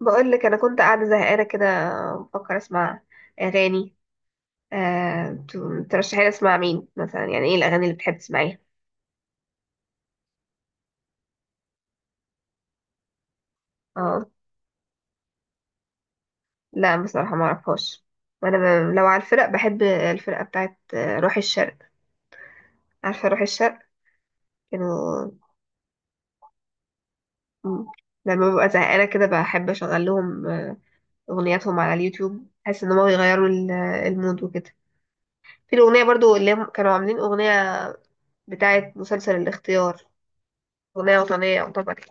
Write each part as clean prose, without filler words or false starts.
بقول لك انا كنت قاعده زهقانه كده، بفكر اسمع اغاني. ترشحي لي اسمع مين مثلا، يعني ايه الاغاني اللي بتحب تسمعيها؟ اه. لا بصراحه ما اعرفهاش. لو على الفرق بحب الفرقه بتاعت روح الشرق. عارفه روح الشرق؟ كانوا. م- لما ببقى زهقانه كده بحب اشغل لهم اغنياتهم على اليوتيوب. بحس ان هم يغيروا المود وكده. في الاغنيه برضو اللي هم كانوا عاملين اغنيه بتاعت مسلسل الاختيار، اغنيه وطنيه يعتبر.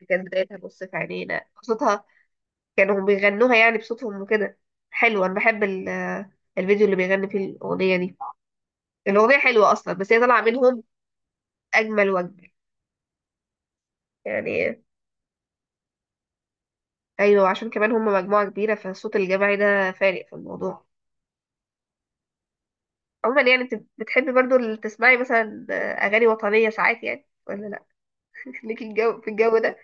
دي كانت بدايتها بص في عينينا صوتها، كانوا بيغنوها يعني بصوتهم وكده. حلو، انا بحب الفيديو اللي بيغني فيه الاغنيه دي. الاغنيه حلوه اصلا، بس هي طالعه منهم اجمل واجمل يعني. ايوه، عشان كمان هم مجموعه كبيره، فالصوت الجماعي ده فارق في الموضوع. عموما يعني، انت بتحبي برضو تسمعي مثلا اغاني وطنيه ساعات يعني ولا لا؟ ليكي الجو في الجو ده.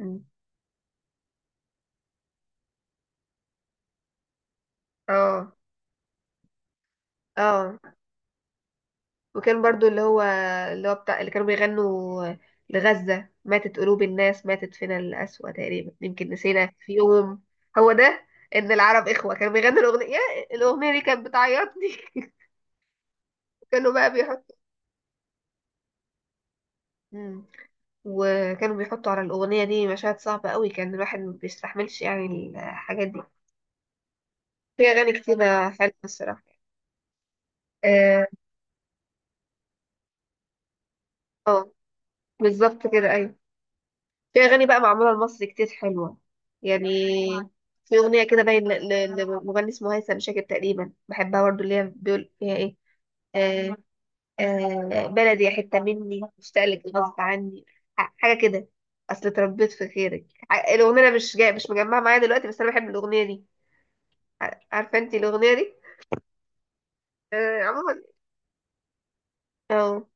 مم. اه. اه، وكان برضو اللي هو بتاع اللي كانوا بيغنوا لغزة ماتت قلوب الناس ماتت فينا القسوة، تقريبا يمكن نسينا في يوم. هو ده، ان العرب اخوة كانوا بيغنوا الاغنية. الاغنية دي كانت بتعيطني. كانوا بقى بيحطوا. مم. وكانوا بيحطوا على الاغنية دي مشاهد صعبة قوي، كان الواحد ما بيستحملش يعني الحاجات دي. في اغاني كتيرة حلوة الصراحة. اه. آه، بالظبط كده ايوه. في أغاني بقى معمولة لمصر كتير حلوة يعني. في أغنية كده باين لمغني اسمه هيثم شاكر تقريبا بحبها برضه، اللي هي بيقول فيها إيه. آه. آه، بلدي يا حتة مني مشتاقلك غصب عني، حاجة كده. أصل اتربيت في خيرك الأغنية، أنا مش جاي، مش مجمعة معايا دلوقتي، بس أنا بحب الأغنية دي. عارفة أنت الأغنية دي؟ آه، عموما. اه.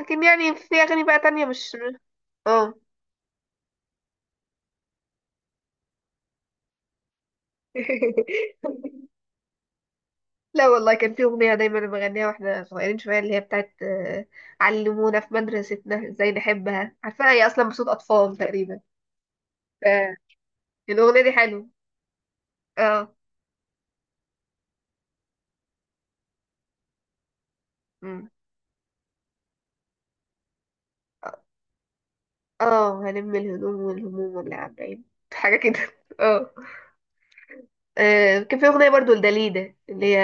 لكن يعني في أغاني بقى تانية مش. اه. لا والله، كان في أغنية دايما بغنيها واحنا صغيرين شوية، اللي هي بتاعت علمونا في مدرستنا ازاي نحبها. عارفة هي أصلا بصوت أطفال تقريبا. فالأغنية دي حلوة. اه. أمم. اه، هنم الهدوم والهموم واللي عاملين حاجة كده. اه. كان في أغنية برضو لداليدا، اللي هي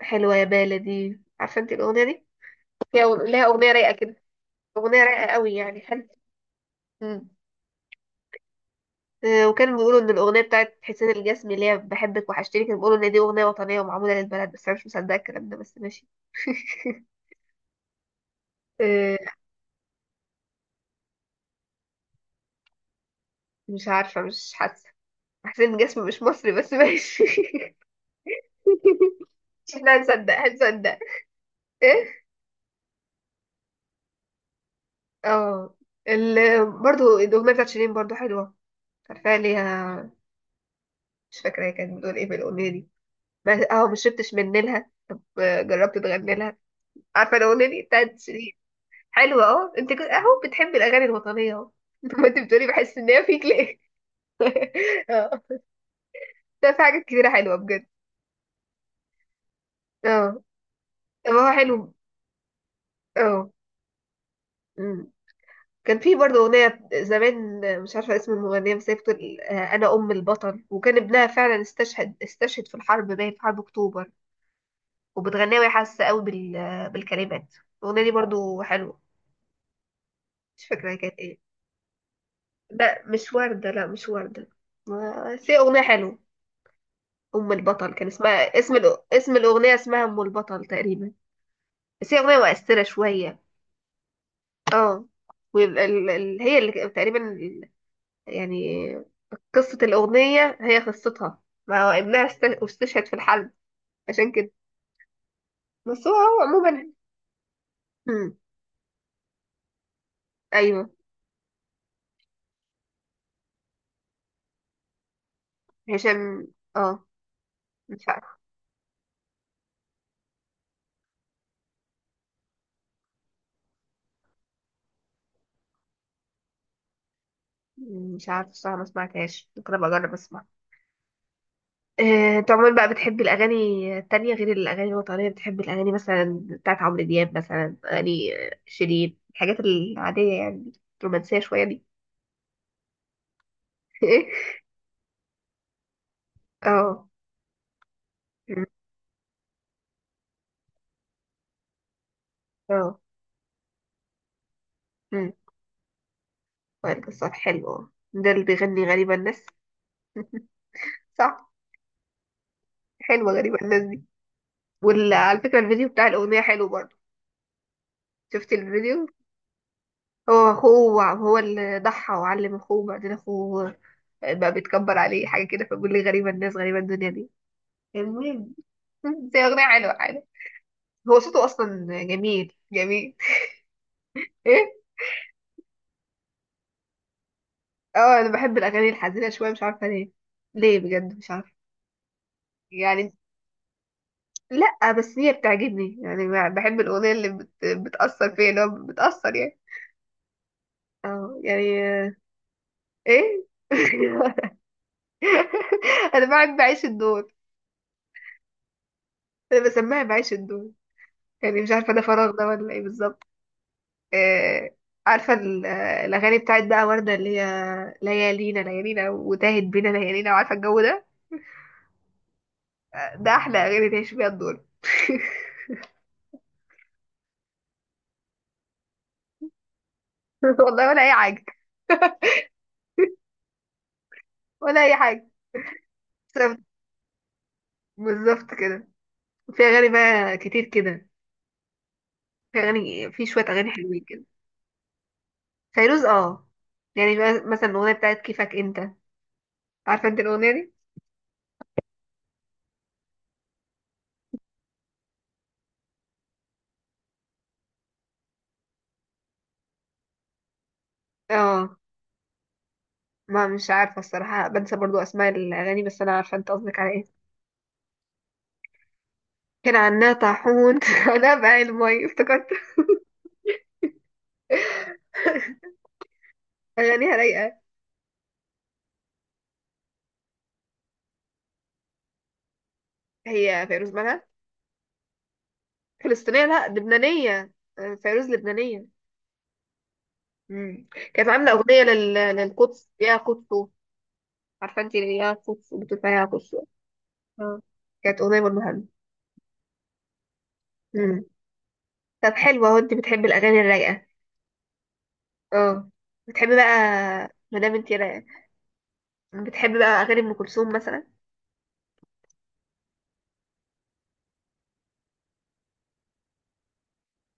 حلوة يا بلدي. عارفة انت الأغنية دي؟ فيها- لها أغنية رايقة كده، أغنية رايقة قوي يعني حلوة. أمم. آه، وكانوا بيقولوا ان الاغنيه بتاعت حسين الجسمي اللي هي بحبك وحشتني، كانوا بيقولوا ان دي اغنيه وطنيه ومعموله للبلد، بس انا مش مصدقه الكلام ده بس ماشي. آه، مش عارفه، مش حاسه. حسين الجسمي مش مصري بس ماشي. احنا هنصدق هنصدق. ايه. اه. ال... برضو الاغنيه بتاعت شيرين برضو حلوه. مش عارفه ليها. مش فاكره هي كانت بتقول ايه في الاغنيه دي، بس اه ما شربتش من نيلها طب جربت تغني لها. عارفه الاغنيه دي بتاعت شيرين. حلوة اه، انت كنت اهو بتحبي الاغاني الوطنية اهو. ما انت بتقولي بحس ان هي فيك ليه. اه. ده في حاجات كتيرة حلوة بجد. اه. ما هو حلو. اه. أمم. كان في برضه أغنية زمان، مش عارفة اسم المغنية، بس هي بتقول أنا أم البطل، وكان ابنها فعلا استشهد استشهد في الحرب باين في حرب أكتوبر. وبتغنيها وهي حاسة قوي بالكلمات. الأغنية دي برضه حلوة. مش فاكرة هي كانت ايه. لا مش وردة، لا مش وردة. بس هي أغنية حلوة. ام البطل كان اسمها، اسم اسم الاغنيه، اسمها ام البطل تقريبا. بس هي اغنيه مؤثره شويه. اه. وهي اللي تقريبا يعني قصه الاغنيه هي قصتها، ما هو ابنها استشهد في الحرب عشان كده. بس هو عموما. امم. ايوه. هشام. اه. مش عارف مش عارف الصراحه، ما سمعتهاش. ممكن ابقى اجرب اسمع. انت عموما بقى بتحبي الأغاني التانية غير الأغاني الوطنية؟ بتحبي الأغاني مثلا بتاعت عمرو دياب مثلا، أغاني شيرين، الحاجات العادية يعني، الرومانسية شوية دي. اه. مم. اه. مم. وائل جسار حلو، ده اللي بيغني غريبة الناس. صح. حلوة غريبة الناس دي. وعلى فكرة الفيديو بتاع الأغنية حلو برضه. شفتي الفيديو؟ هو أخوه، هو اللي ضحى وعلم أخوه، بعدين أخوه بقى بيتكبر عليه حاجة كده، فبيقول لي غريبة الناس غريبة الدنيا دي. المهم. بس هي أغنية حلوة عادي. هو صوته أصلا جميل جميل. إيه. اه، أنا بحب الأغاني الحزينة شوية، مش عارفة ليه. ليه بجد مش عارفة يعني. لأ بس هي بتعجبني يعني، بحب الأغنية اللي بتأثر فيا، اللي هو بتأثر يعني. اه يعني. إيه. أنا بعد بعيش الدور. أنا بسميها بعيش الدور يعني، مش عارفة ده فراغ ده ولا إيه بالظبط. آه، عارفة الأغاني بتاعت بقى وردة اللي هي ليالينا ليالينا وتاهت بينا ليالينا، وعارفة الجو ده. ده احلى اغاني تعيش بيها الدور. والله ولا اي حاجه. ولا اي حاجه. بسبب- بالظبط كده. في اغاني بقى كتير كده. في اغاني، في شويه اغاني حلوين كده. فيروز اه. يعني بقى مثلا الاغنيه بتاعت كيفك انت، عارفه انت الاغنيه دي. اه. ما مش عارفه الصراحه، بنسى برضو اسماء الاغاني، بس انا عارفه انت قصدك على ايه. كان عنا طاحون. انا بقى المي افتكرت. اغانيها رايقه. هي فيروز مالها فلسطينيه؟ لا، لبنانيه. فيروز لبنانيه. مم. كانت عاملة أغنية للقدس، يا قدس. عارفة انت يا قدس؟ بتقول فيها يا قدس. اه. كانت أغنية برضه حلوة. مم. طب حلوة، وانت بتحبي الأغاني الرايقة. اه. بتحبي بقى، مادام انت رايقة، بتحبي بقى أغاني أم كلثوم مثلا.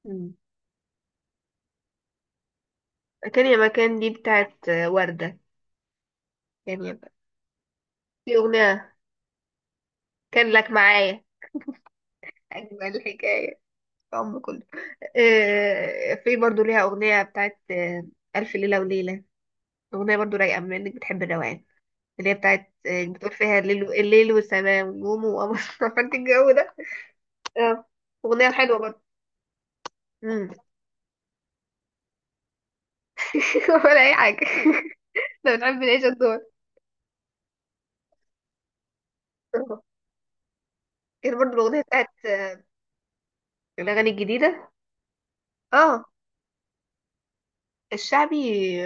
مم. كان يا مكان دي بتاعت وردة. كان يا مكان. في أغنية كان لك معايا، أجمل الحكاية. في أم كله. في برضه ليها أغنية بتاعت ألف ليلة وليلة. أغنية برضه رايقة بما إنك بتحبي الروقان، اللي هي بتاعت بتقول فيها الليل و- الليل والسماء والنجوم وقمر. فانت الجو ده. اه. اغنيه حلوه برضه. مم. ولا اي حاجه. احنا بنحب نعيش الدور. آه. كان برضه الاغنيه بتاعت الاغاني الجديده. اه. الشعبي.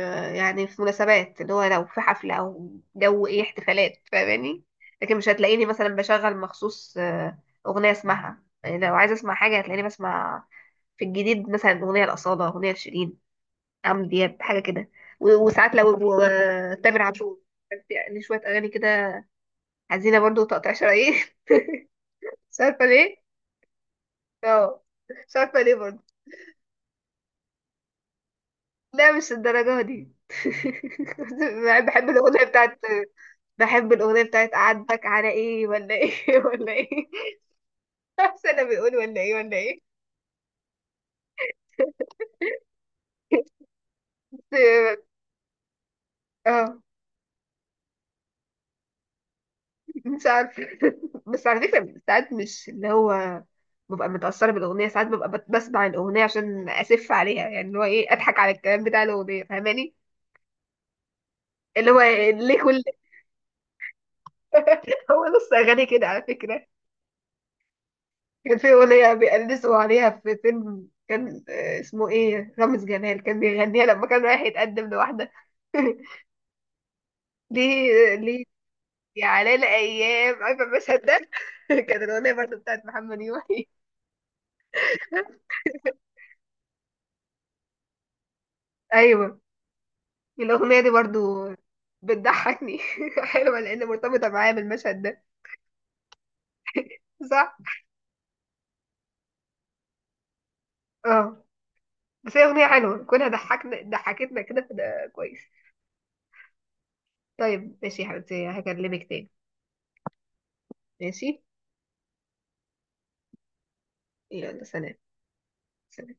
يعني في مناسبات، اللي هو لو في حفله او جو ايه احتفالات فاهماني. لكن مش هتلاقيني مثلا بشغل مخصوص اغنيه اسمعها يعني، لو عايزه اسمع حاجه هتلاقيني بسمع في الجديد مثلا أغنية الأصالة، أغنية لشيرين، عمرو دياب حاجه كده. وساعات لو تامر عاشور. بس يعني شويه اغاني كده حزينه برضو وتقطيع شرايين. مش عارفه ليه. اه. مش عارفه ليه برضو. لا مش الدرجه دي. بحب الاغنيه بتاعت، بحب الاغنيه بتاعت اعاتبك على ايه ولا ايه. ولا ايه، مش انا بيقول ولا ايه ولا ايه. بس-. اه. آه. مش عارفة. بس على فكرة ساعات مش اللي هو ببقى متأثرة بالأغنية، ساعات ببقى بسمع الأغنية عشان أسف عليها، يعني اللي هو إيه، أضحك على الكلام بتاع الأغنية فاهماني. اللي هو ليه كل. هو نص أغاني كده على فكرة. كان في أغنية بيقلدوا عليها في فيلم كان اسمه إيه، رامز جلال كان بيغنيها لما كان رايح يتقدم لواحدة. ليه ليه. يا على الأيام، عارفة المشهد ده. كانت الأغنية برضه بتاعت محمد يوحي. أيوه. الأغنية دي برضو بتضحكني. حلوة لأن مرتبطة معايا بالمشهد ده، صح؟ اه، بس هي أغنية حلوة كونها ضحكنا ضحكتنا كده، فده كويس. طيب ماشي يا حبيبتي، هكلمك تاني. ماشي. يلا سلام. سلام.